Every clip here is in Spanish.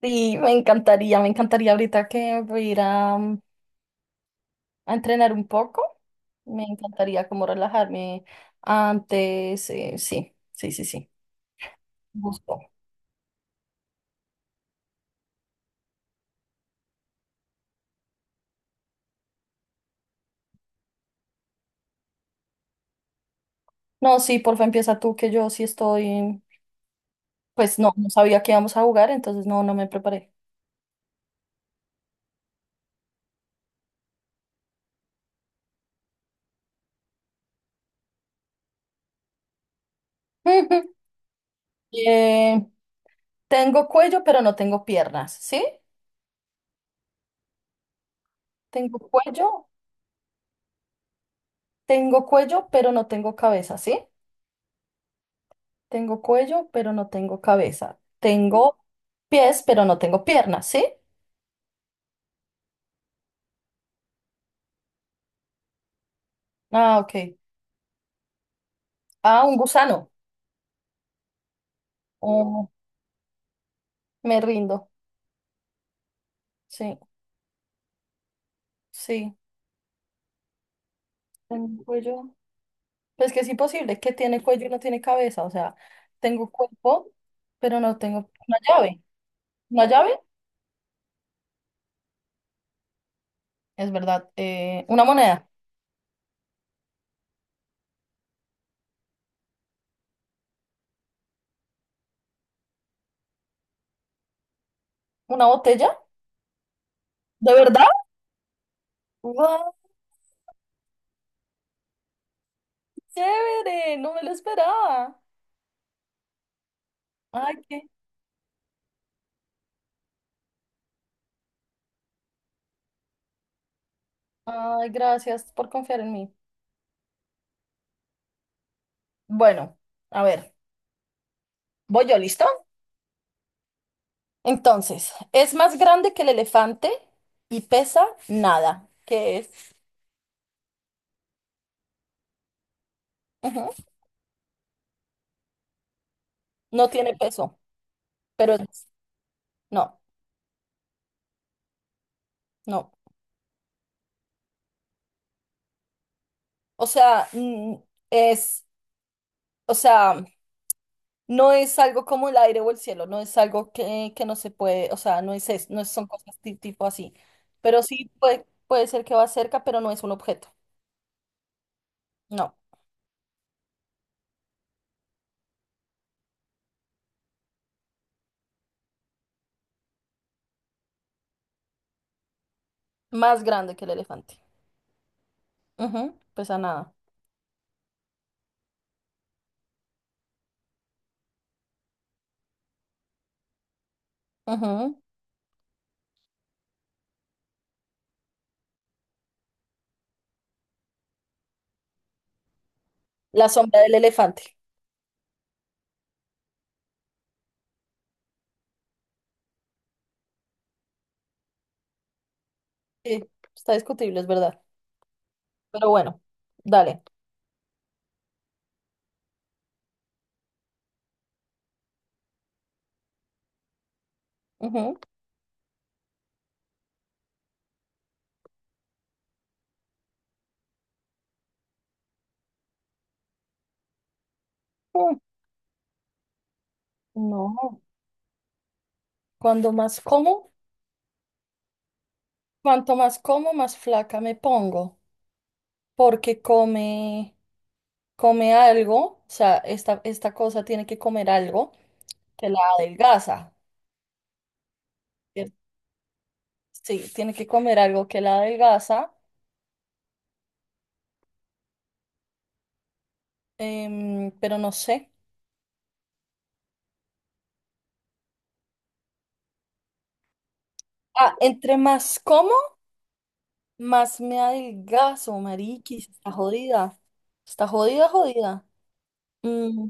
Sí, me encantaría ahorita que voy a ir a, a entrenar un poco. Me encantaría como relajarme antes. Sí, sí, sí, sí. Gusto. No, sí, porfa, empieza tú, que yo sí estoy. Pues no, no sabía que íbamos a jugar, entonces no, no me preparé. Eh, Tengo cuello, pero no tengo piernas, ¿sí? Tengo cuello, tengo cuello, pero no tengo cabeza, ¿sí? Tengo cuello, pero no tengo cabeza. Tengo pies, pero no tengo piernas, ¿sí? Ah, ok. Ah, un gusano. Oh, me rindo. Sí, sí. Tengo cuello. Pues que es imposible que tiene cuello y no tiene cabeza. O sea, tengo cuerpo, pero no tengo una llave. ¿Una llave? Es verdad. Una moneda. ¿Una botella? ¿De verdad? ¡Wow! ¡Chévere! No me lo esperaba. Ay, qué. Ay, gracias por confiar en mí. Bueno, a ver. ¿Voy yo listo? Entonces, es más grande que el elefante y pesa nada, que es, ujú. No tiene peso, pero no, no. O sea, es, o sea, no es algo como el aire o el cielo, no es algo que no se puede, o sea, no es, no son cosas tipo así, pero sí puede, puede ser que va cerca, pero no es un objeto, no. Más grande que el elefante. Ujú, pesa nada. Ujú. La sombra del elefante. Sí, está discutible, es verdad. Pero bueno, dale. Ujú. Mm, No, Cuando más como, cuanto más como, más flaca me pongo, porque come, come algo, o sea, esta cosa tiene que comer algo que la adelgaza. ¿Cierto? Sí, tiene que comer algo que la adelgaza, pero no sé. Ah, entre más como, más me adelgazo, mariquis, está jodida, jodida. Mm,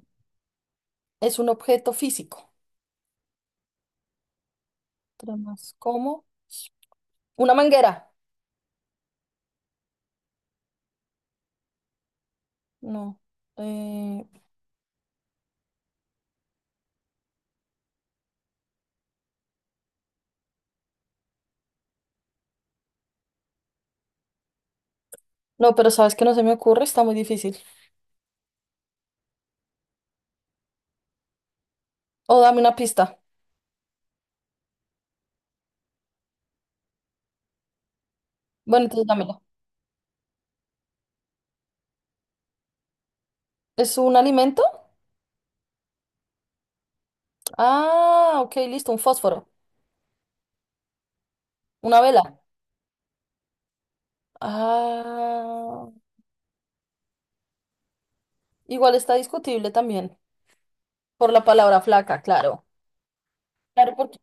es un objeto físico. Tramas, ¿cómo? Una manguera. No. eh, no, pero sabes que no se me ocurre, está muy difícil. O dame una pista. Bueno, entonces dámelo. ¿Es un alimento? Ah, ok, listo, un fósforo. Una vela. Ah, igual está discutible también. Por la palabra flaca, claro. Claro, porque.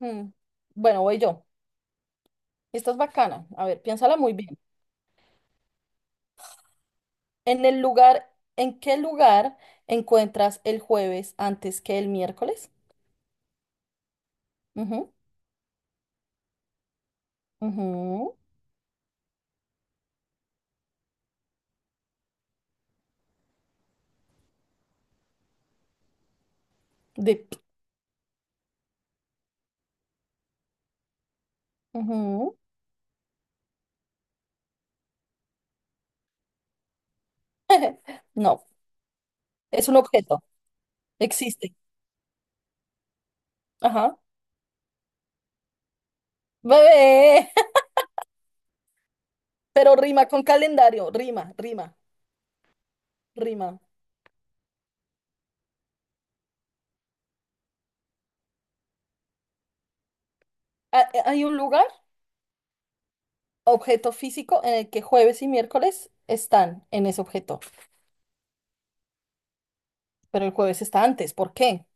mm, Bueno, voy yo. Esta es bacana. A ver, piénsala muy bien. ¿En qué lugar encuentras el jueves antes que el miércoles? Ujú, ujú. De... Ujú. No, es un objeto. Existe. Ajá. Bebé. Pero rima con calendario. Rima, rima, rima. Hay un lugar, objeto físico, en el que jueves y miércoles están en ese objeto. Pero el jueves está antes. ¿Por qué?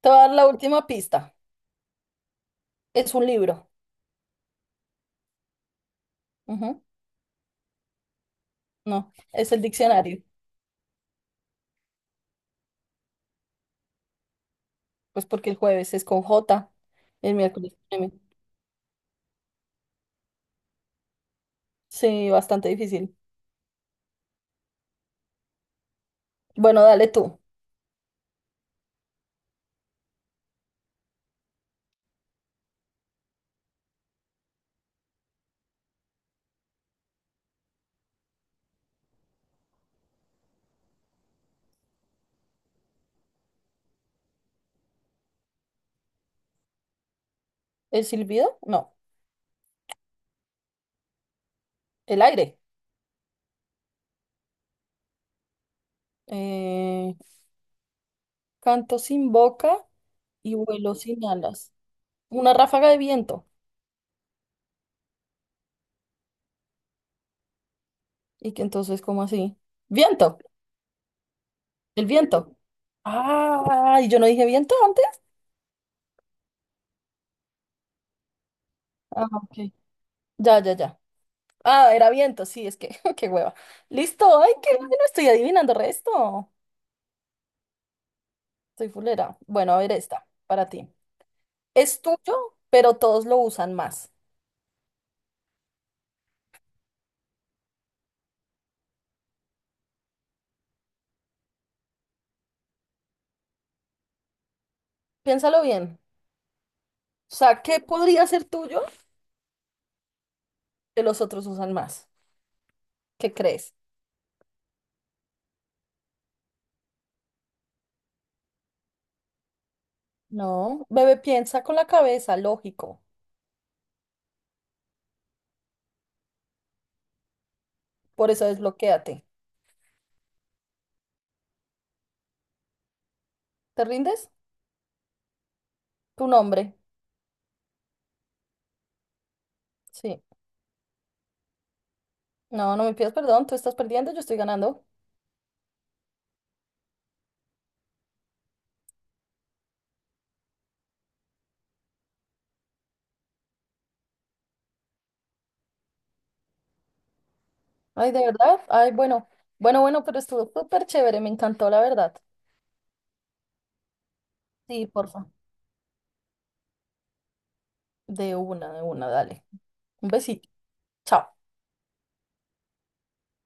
Te voy a dar la última pista. Es un libro. Ujú. No, es el diccionario. Pues porque el jueves es con J, el miércoles con M. Sí, bastante difícil. Bueno, dale tú. ¿El silbido? No. El aire. eh, Canto sin boca y vuelo sin alas. Una ráfaga de viento. Y que entonces, ¿cómo así? Viento, el viento. Ah, ¿y yo no dije viento antes? Ah, ok. Ya, ya, ya. Ah, era viento, sí, es que, qué hueva. Listo, ay, qué bueno, estoy adivinando resto. Soy fulera. Bueno, a ver esta, para ti. Es tuyo, pero todos lo usan más. Piénsalo bien. O sea, ¿qué podría ser tuyo que los otros usan más? ¿Qué crees? No, bebé, piensa con la cabeza, lógico. Por eso desbloquéate. ¿Te rindes? Tu nombre. Sí. No, no me pidas perdón, tú estás perdiendo, yo estoy ganando. Ay, ¿de verdad? Ay, bueno. Bueno, bueno, pero estuvo súper chévere, me encantó, la verdad. Sí, porfa. De una, dale. Un besito. Chao.